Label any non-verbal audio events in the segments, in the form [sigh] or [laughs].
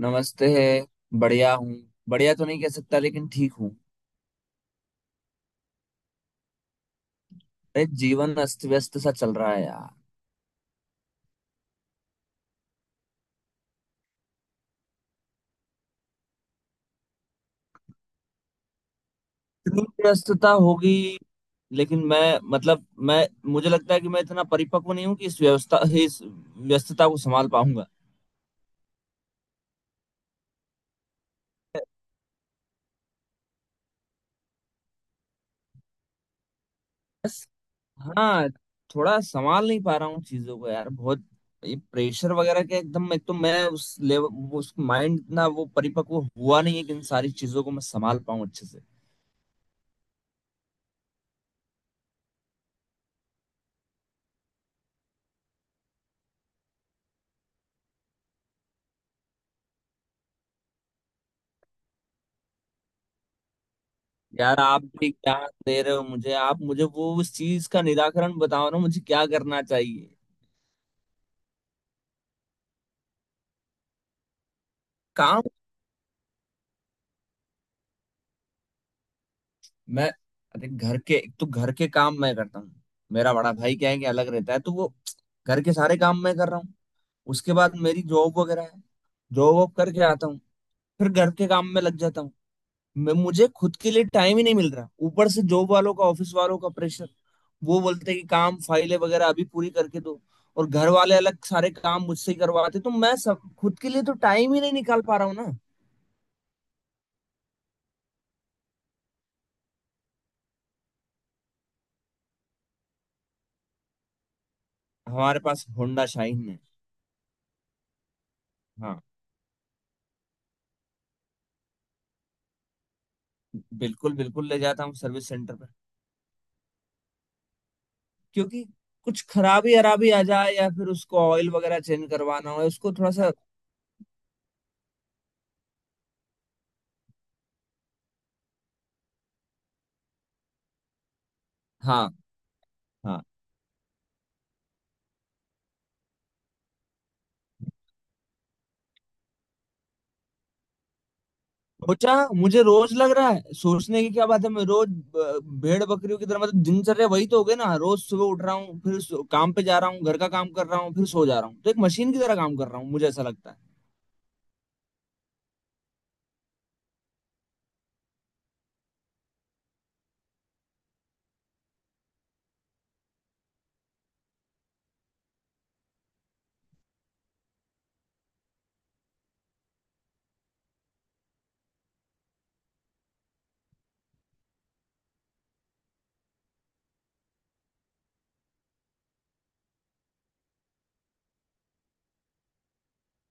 नमस्ते है। बढ़िया हूँ। बढ़िया तो नहीं कह सकता लेकिन ठीक हूँ। अरे जीवन अस्त व्यस्त सा चल रहा है यार। इतनी व्यस्तता होगी। लेकिन मैं मतलब मैं मुझे लगता है कि मैं इतना परिपक्व नहीं हूँ कि इस व्यवस्था इस व्यस्तता को संभाल पाऊंगा। बस। हाँ। थोड़ा संभाल नहीं पा रहा हूँ चीजों को यार। बहुत ये प्रेशर वगैरह के एकदम एक तो मैं उस लेवल उस माइंड ना वो परिपक्व हुआ नहीं है कि इन सारी चीजों को मैं संभाल पाऊँ अच्छे से। यार आप भी क्या दे रहे हो मुझे। आप मुझे वो उस चीज का निराकरण बताओ ना, मुझे क्या करना चाहिए। काम। मैं। अरे घर के एक तो घर के काम मैं करता हूँ। मेरा बड़ा भाई क्या है कि अलग रहता है, तो वो घर के सारे काम मैं कर रहा हूँ। उसके बाद मेरी जॉब वगैरह है। जॉब वॉब करके आता हूँ। फिर घर के काम में लग जाता हूँ। मैं मुझे खुद के लिए टाइम ही नहीं मिल रहा, ऊपर से जॉब वालों का, ऑफिस वालों का प्रेशर। वो बोलते कि काम, फाइलें वगैरह अभी पूरी करके दो। और घर वाले अलग सारे काम मुझसे ही करवाते, तो मैं सब खुद के लिए तो टाइम ही नहीं निकाल पा रहा हूँ ना। हमारे पास होंडा शाइन है। हाँ। बिल्कुल बिल्कुल, ले जाता हूँ सर्विस सेंटर पर। क्योंकि कुछ खराबी अराबी आ जाए, या फिर उसको ऑयल वगैरह चेंज करवाना हो, उसको थोड़ा सा। हाँ हाँ। सोचा। मुझे रोज लग रहा है, सोचने की क्या बात है, मैं रोज भेड़ बकरियों की तरह, मतलब दिनचर्या वही तो हो गई ना। रोज सुबह उठ रहा हूँ, फिर काम पे जा रहा हूँ, घर का काम कर रहा हूँ, फिर सो जा रहा हूँ। तो एक मशीन की तरह काम कर रहा हूँ, मुझे ऐसा लगता है।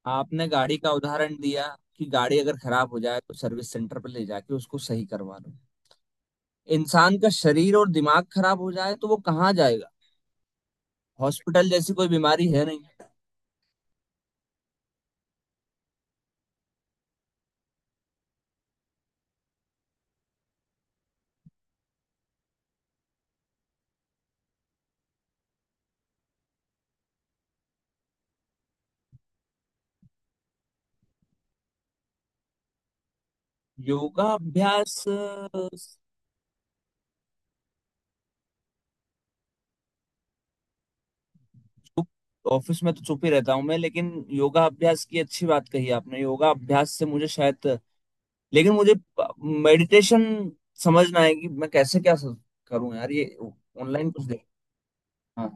आपने गाड़ी का उदाहरण दिया कि गाड़ी अगर खराब हो जाए तो सर्विस सेंटर पर ले जाके उसको सही करवा लो। इंसान का शरीर और दिमाग खराब हो जाए तो वो कहाँ जाएगा। हॉस्पिटल जैसी कोई बीमारी है नहीं। योगा अभ्यास। ऑफिस में तो चुप ही रहता हूँ मैं, लेकिन योगा अभ्यास की अच्छी बात कही आपने। योगा अभ्यास से मुझे शायद, लेकिन मुझे मेडिटेशन समझना है कि मैं कैसे क्या करूँ यार ये। ऑनलाइन कुछ देख। हाँ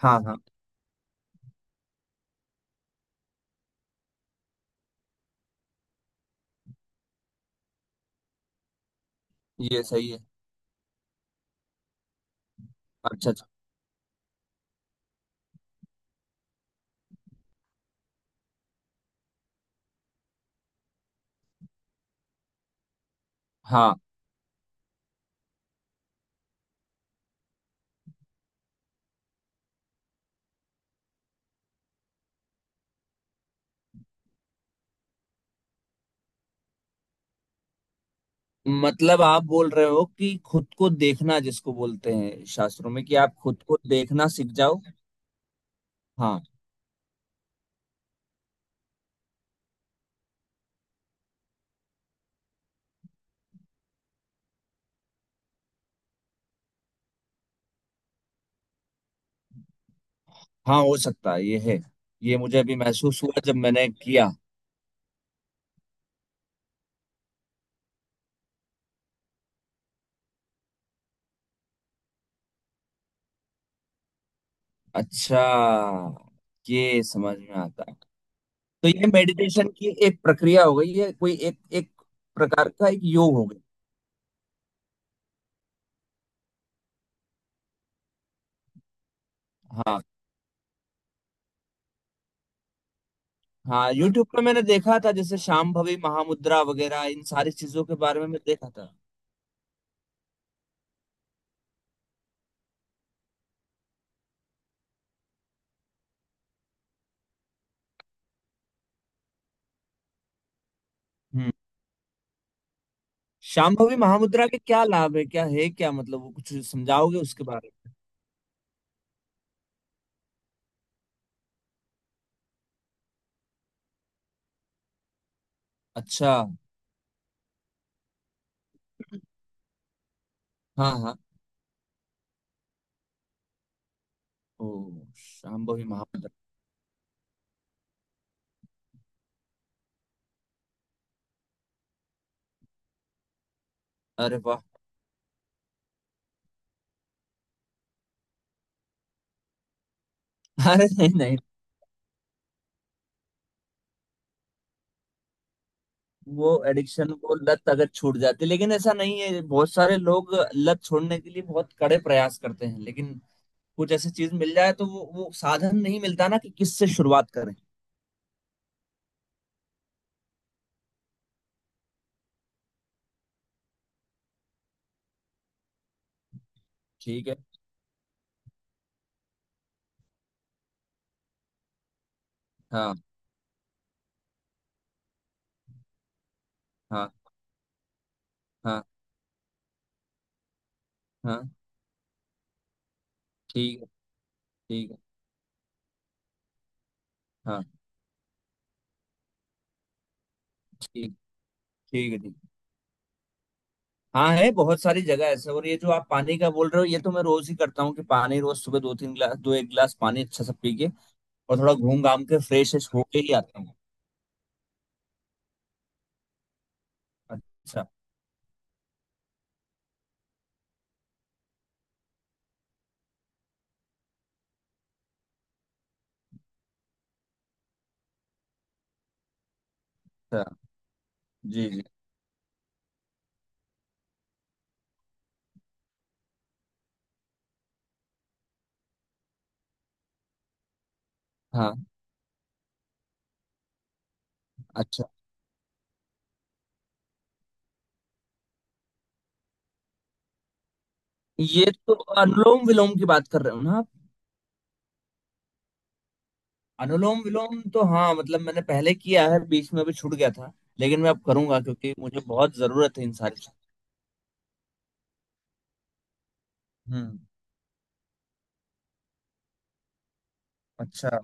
हाँ हाँ। ये सही है। अच्छा अच्छा। हाँ। मतलब आप बोल रहे हो कि खुद को देखना, जिसको बोलते हैं शास्त्रों में कि आप खुद को देखना सीख जाओ। हाँ। हाँ हो सकता है, ये है। ये मुझे अभी महसूस हुआ जब मैंने किया। अच्छा। ये समझ में आता है। तो ये मेडिटेशन की एक प्रक्रिया हो गई है, कोई एक एक प्रकार का एक योग हो गया। हाँ। हाँ, यूट्यूब पे मैंने देखा था जैसे शांभवी महामुद्रा वगैरह। इन सारी चीजों के बारे में मैं देखा था। हम्म। शांभवी महामुद्रा के क्या लाभ है, क्या है, क्या मतलब वो कुछ समझाओगे उसके बारे में। अच्छा। हाँ हाँ। ओ। शांभवी महामुद्रा। अरे वाह। [laughs] अरे नहीं नहीं। वो एडिक्शन, वो लत अगर छूट जाती। लेकिन ऐसा नहीं है, बहुत सारे लोग लत छोड़ने के लिए बहुत कड़े प्रयास करते हैं, लेकिन कुछ ऐसी चीज मिल जाए तो वो साधन नहीं मिलता ना कि किससे शुरुआत करें। ठीक है। हाँ हाँ हाँ हाँ। ठीक है ठीक है। हाँ। ठीक। ठीक है। ठीक है। हाँ है, बहुत सारी जगह ऐसे। और ये जो आप पानी का बोल रहे हो, ये तो मैं रोज ही करता हूँ कि पानी रोज सुबह दो तीन गिलास, दो एक गिलास पानी अच्छा सा पी के, और थोड़ा घूम घाम के फ्रेश होके ही आता हूँ। अच्छा अच्छा। जी जी। हाँ। अच्छा, ये तो अनुलोम विलोम की बात कर रहे हो ना। अनुलोम विलोम तो हाँ, मतलब मैंने पहले किया है, बीच में अभी छूट गया था, लेकिन मैं अब करूंगा क्योंकि मुझे बहुत जरूरत है इन सारी चीजों की। हम्म। अच्छा।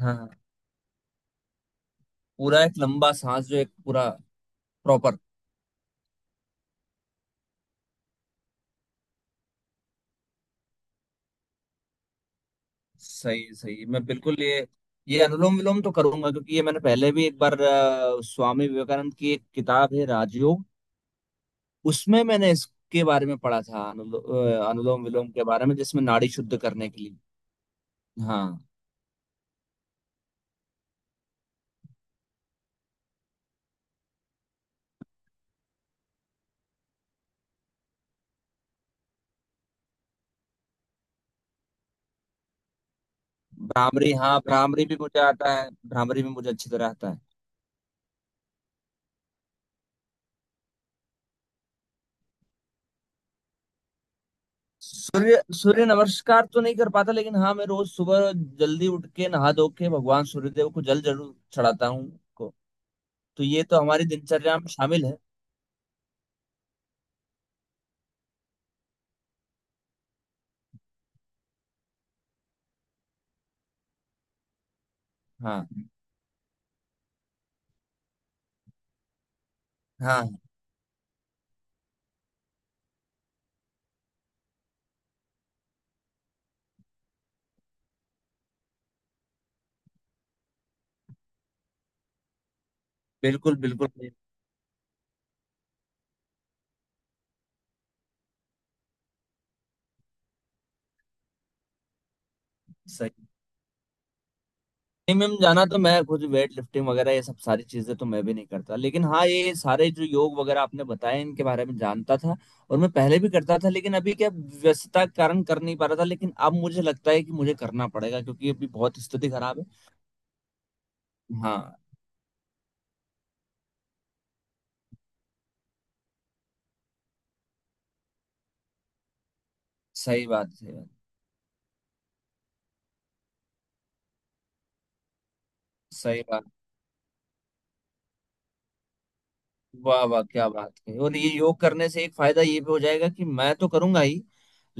हाँ हाँ। पूरा एक लंबा सांस, जो एक पूरा प्रॉपर। सही सही, मैं बिल्कुल ये अनुलोम विलोम तो करूंगा, क्योंकि ये मैंने पहले भी एक बार स्वामी विवेकानंद की एक किताब है राजयोग, उसमें मैंने इसके बारे में पढ़ा था। अनुलोम विलोम के बारे में, जिसमें नाड़ी शुद्ध करने के लिए। हाँ। भ्रामरी, हाँ भ्रामरी भी मुझे आता है, भ्रामरी भी मुझे अच्छी तरह आता है। सूर्य सूर्य नमस्कार तो नहीं कर पाता, लेकिन हाँ मैं रोज सुबह जल्दी उठ के नहा धो के भगवान सूर्यदेव को जल जरूर चढ़ाता हूँ। को, तो ये तो हमारी दिनचर्या में शामिल है। हाँ। हाँ। बिल्कुल बिल्कुल। सही। जिम में जाना तो मैं खुद, वेट लिफ्टिंग वगैरह ये सब सारी चीजें तो मैं भी नहीं करता, लेकिन हाँ ये सारे जो योग वगैरह आपने बताए, इनके बारे में जानता था और मैं पहले भी करता था। लेकिन अभी क्या, व्यस्तता के कारण कर नहीं पा रहा था, लेकिन अब मुझे लगता है कि मुझे करना पड़ेगा क्योंकि अभी बहुत स्थिति खराब है। हाँ। सही बात है। सही बात। वाह वाह, क्या बात है। और ये योग करने से एक फायदा ये भी हो जाएगा कि मैं तो करूंगा ही,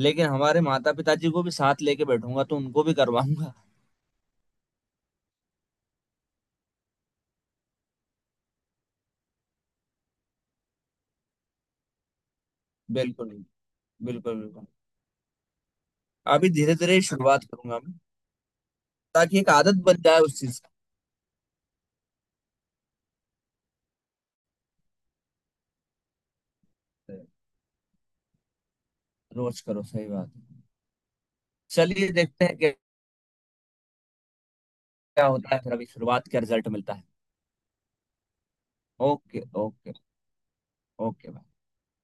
लेकिन हमारे माता पिताजी को भी साथ लेके बैठूंगा तो उनको भी करवाऊंगा। बिल्कुल बिल्कुल बिल्कुल। अभी धीरे धीरे शुरुआत करूंगा मैं, ताकि एक आदत बन जाए उस चीज की। रोज करो, सही बात है। चलिए देखते हैं क्या क्या होता है, फिर अभी शुरुआत का रिजल्ट मिलता है। Okay okay. ओके।